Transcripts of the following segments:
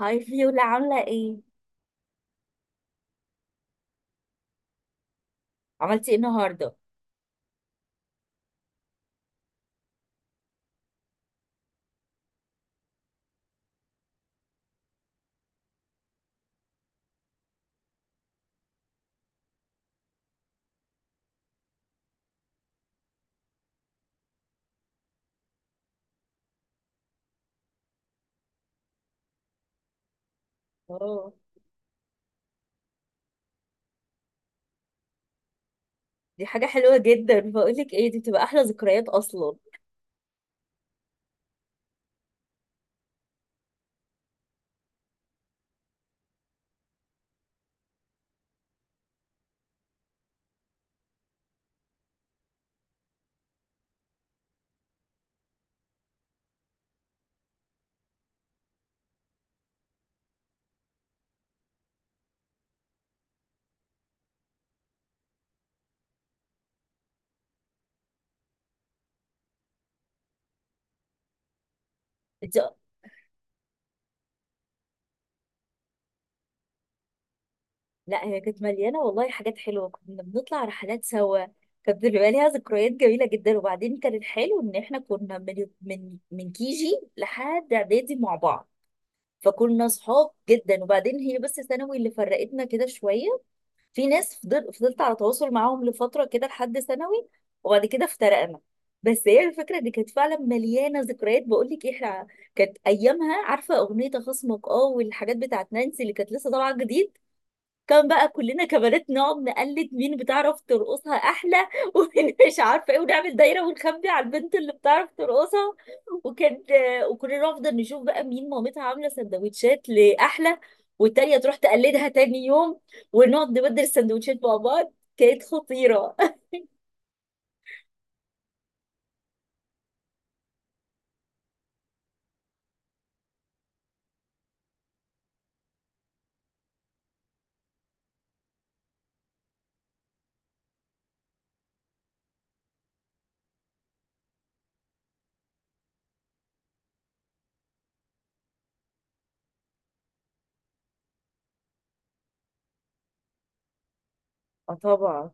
هاي فيولا، عاملة ايه؟ عملتي ايه النهاردة؟ اه، دي حاجة حلوة جدا. بقولك ايه، دي بتبقى أحلى ذكريات أصلا. انت لا، هي كانت مليانة والله حاجات حلوة. كنا بنطلع رحلات سوا، كانت بتبقى ليها ذكريات جميلة جدا. وبعدين كان الحلو إن احنا كنا من كيجي لحد إعدادي مع بعض، فكنا صحاب جدا. وبعدين هي بس ثانوي اللي فرقتنا كده شوية، في ناس فضلت على تواصل معاهم لفترة كده لحد ثانوي، وبعد كده افترقنا. بس هي الفكرة دي كانت فعلا مليانة ذكريات. بقول لك احنا كانت ايامها، عارفة اغنية خصمك؟ اه، والحاجات بتاعت نانسي اللي كانت لسه طالعة جديد، كان بقى كلنا كبنات نقعد نقلد مين بتعرف ترقصها احلى ومين مش عارفه ايه، ونعمل دايره ونخبي على البنت اللي بتعرف ترقصها. وكان، وكنا نفضل نشوف بقى مين مامتها عامله سندوتشات لاحلى، والتانيه تروح تقلدها تاني يوم، ونقعد نبدل السندوتشات مع بعض. كانت خطيره. اه طبعا.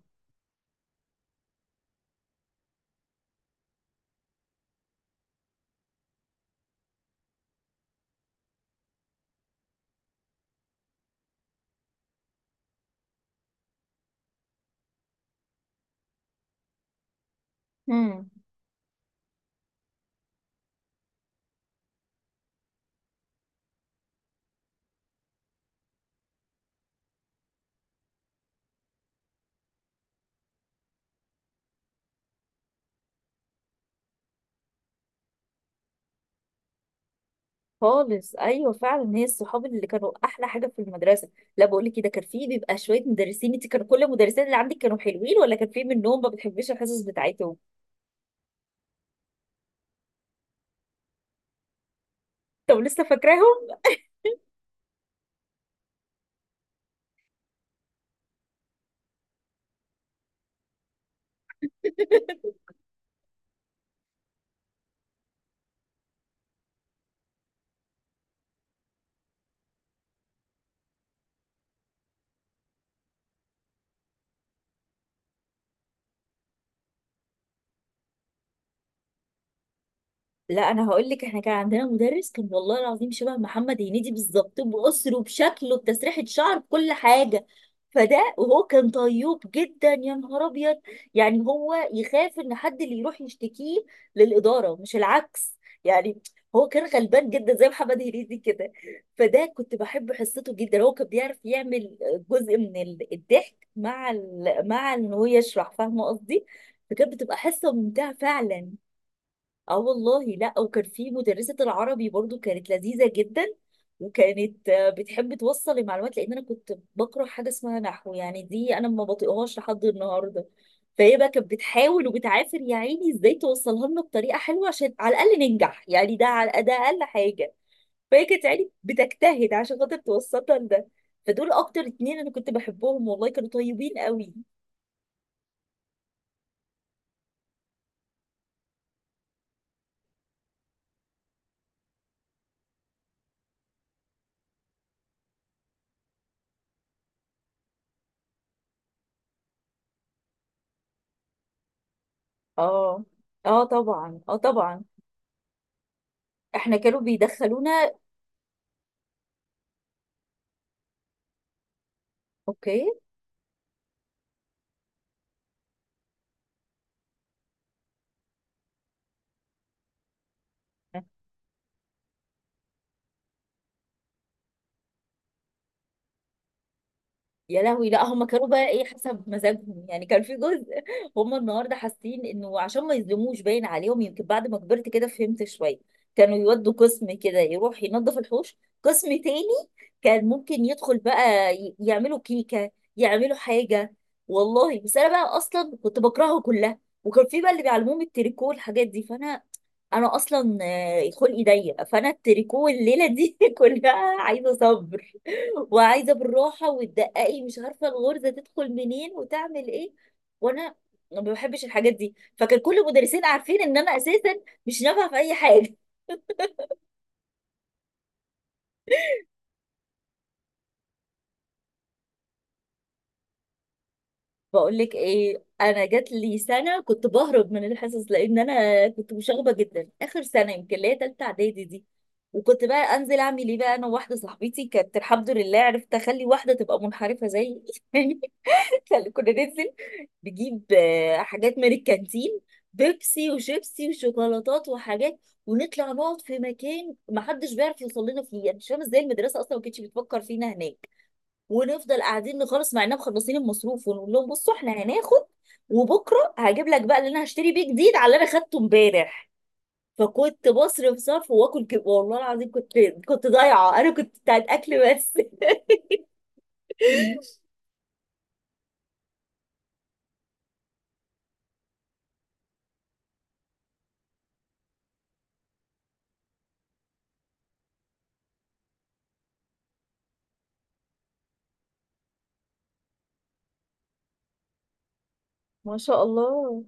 امم. خالص، ايوه فعلا، هي الصحاب اللي كانوا احلى حاجه في المدرسه. لا بقول لك كده، كان في بيبقى شويه مدرسين، انت كانوا كل المدرسين اللي عندك كانوا حلوين ولا كان في منهم ما بتحبيش الحصص بتاعتهم؟ طب لسه فاكراهم؟ لا انا هقول لك، احنا كان عندنا مدرس كان والله العظيم شبه محمد هنيدي بالظبط، باسره، بشكله، بتسريحه شعره، بكل حاجه. فده، وهو كان طيوب جدا يا نهار ابيض، يعني هو يخاف ان حد اللي يروح يشتكيه للاداره مش العكس. يعني هو كان غلبان جدا زي محمد هنيدي كده. فده كنت بحب حصته جدا، هو كان بيعرف يعمل جزء من الضحك مع مع ان هو يشرح، فاهمه قصدي؟ فكانت بتبقى حصه ممتعه فعلا. اه والله. لا، وكان في مدرسة العربي برضو كانت لذيذة جدا، وكانت بتحب توصل المعلومات، لان انا كنت بكره حاجة اسمها نحو، يعني دي انا ما بطيقهاش لحد النهاردة. فهي بقى كانت بتحاول وبتعافر يا عيني ازاي توصلها لنا بطريقة حلوة، عشان على الاقل ننجح يعني، ده على ده اقل حاجة. فهي كانت يعني بتجتهد عشان خاطر توصلنا لده. فدول اكتر اتنين انا كنت بحبهم والله، كانوا طيبين قوي. اه. اه طبعا، اه طبعا. احنا كانوا بيدخلونا. اوكي. يا لهوي، لا هم كانوا بقى ايه، حسب مزاجهم يعني. كان في جزء هم النهارده حاسين انه عشان ما يظلموش، باين عليهم، يمكن بعد ما كبرت كده فهمت شويه، كانوا يودوا قسم كده يروح ينظف الحوش، قسم تاني كان ممكن يدخل بقى يعملوا كيكه، يعملوا حاجه. والله بس انا بقى اصلا كنت بكرهه كلها. وكان في بقى اللي بيعلموهم التريكو الحاجات دي، فانا اصلا خلقي ضيق. فانا التريكو الليله دي كلها عايزه صبر وعايزه بالراحه وتدققي، مش عارفه الغرزه تدخل منين وتعمل ايه. وانا ما بحبش الحاجات دي، فكان كل المدرسين عارفين ان انا اساسا مش نافعه في اي حاجه. بقول لك ايه، انا جات لي سنه كنت بهرب من الحصص، لان انا كنت مشاغبه جدا اخر سنه، يمكن اللي هي تالته اعدادي دي. وكنت بقى انزل اعمل ايه بقى، انا وواحده صاحبتي كانت الحمد لله عرفت اخلي واحده تبقى منحرفه زيي. كنا ننزل نجيب حاجات من الكانتين، بيبسي وشيبسي وشوكولاتات وحاجات، ونطلع نقعد في مكان محدش بيعرف يوصل لنا فيه، يعني مش فاهمه ازاي المدرسه اصلا ما كانتش بتفكر فينا هناك. ونفضل قاعدين نخلص مع اننا مخلصين المصروف، ونقول لهم بصوا احنا هناخد، وبكره هجيب لك بقى اللي انا هشتري بيه جديد على اللي انا خدته امبارح. فكنت بصرف صرف واكل كده، والله العظيم كنت ضايعه، انا كنت بتاعت اكل بس. ما شاء الله.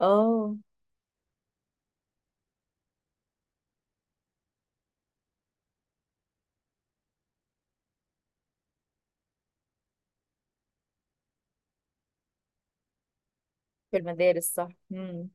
اه. في المدارس، صح. مم.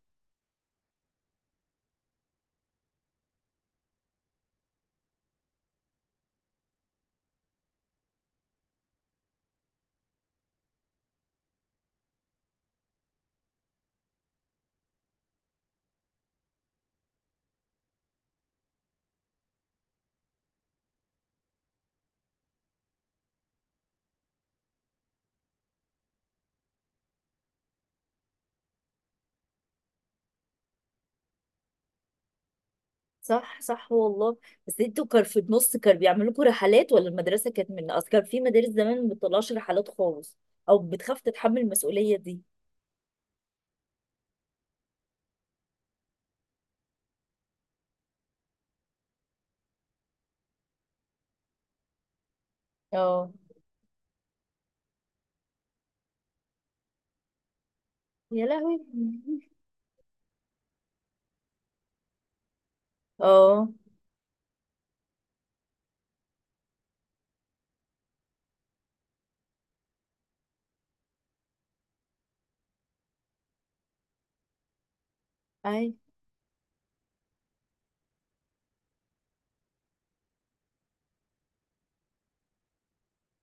صح صح والله. بس انتوا كان في النص كانوا بيعملوا لكم رحلات، ولا المدرسه كانت من اصل، كان في مدارس زمان ما بتطلعش رحلات خالص او بتخاف تتحمل المسؤوليه دي؟ اه. يا لهوي. اه. اي.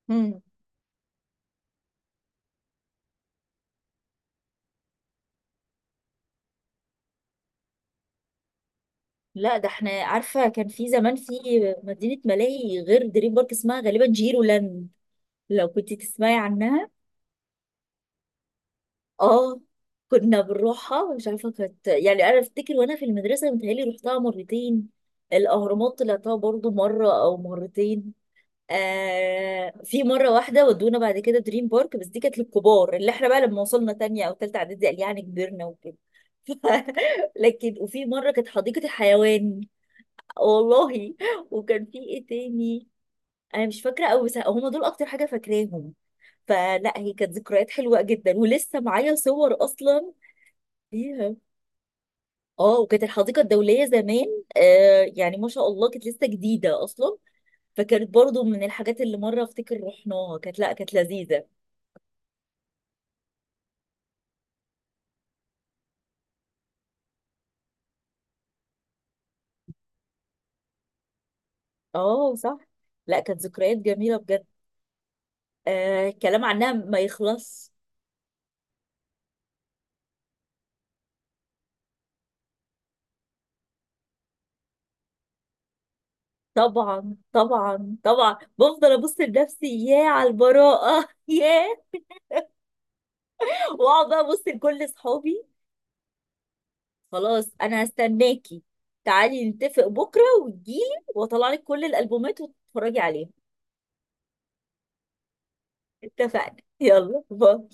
امم. لا، ده احنا عارفه كان في زمان في مدينه ملاهي غير دريم بارك اسمها غالبا جيرو لاند، لو كنت تسمعي عنها. اه، كنا بنروحها، مش عارفه كانت يعني، انا افتكر وانا في المدرسه متهيألي رحتها مرتين. الاهرامات طلعتها برضو مره او مرتين. آه في مره واحده ودونا بعد كده دريم بارك، بس دي كانت للكبار، اللي احنا بقى لما وصلنا تانية او تالتة اعدادي، قال يعني كبرنا وكده. لكن وفي مره كانت حديقه الحيوان، والله. وكان في ايه تاني، انا مش فاكره قوي، بس هم دول اكتر حاجه فاكراهم. فلا، هي كانت ذكريات حلوه جدا، ولسه معايا صور اصلا ليها. اه، وكانت الحديقه الدوليه زمان، يعني ما شاء الله كانت لسه جديده اصلا، فكانت برضو من الحاجات اللي مره افتكر رحناها، كانت، لا كانت لذيذه. اه صح. لا، كانت ذكريات جميلة بجد. كلام عنها ما يخلص. طبعا طبعا طبعا، بفضل ابص لنفسي ياه على البراءة ياه، واقعد بقى ابص لكل اصحابي. خلاص انا هستناكي، تعالي نتفق بكرة وتجيلي، واطلع لك كل الالبومات وتتفرجي عليها. اتفقنا. يلا باي.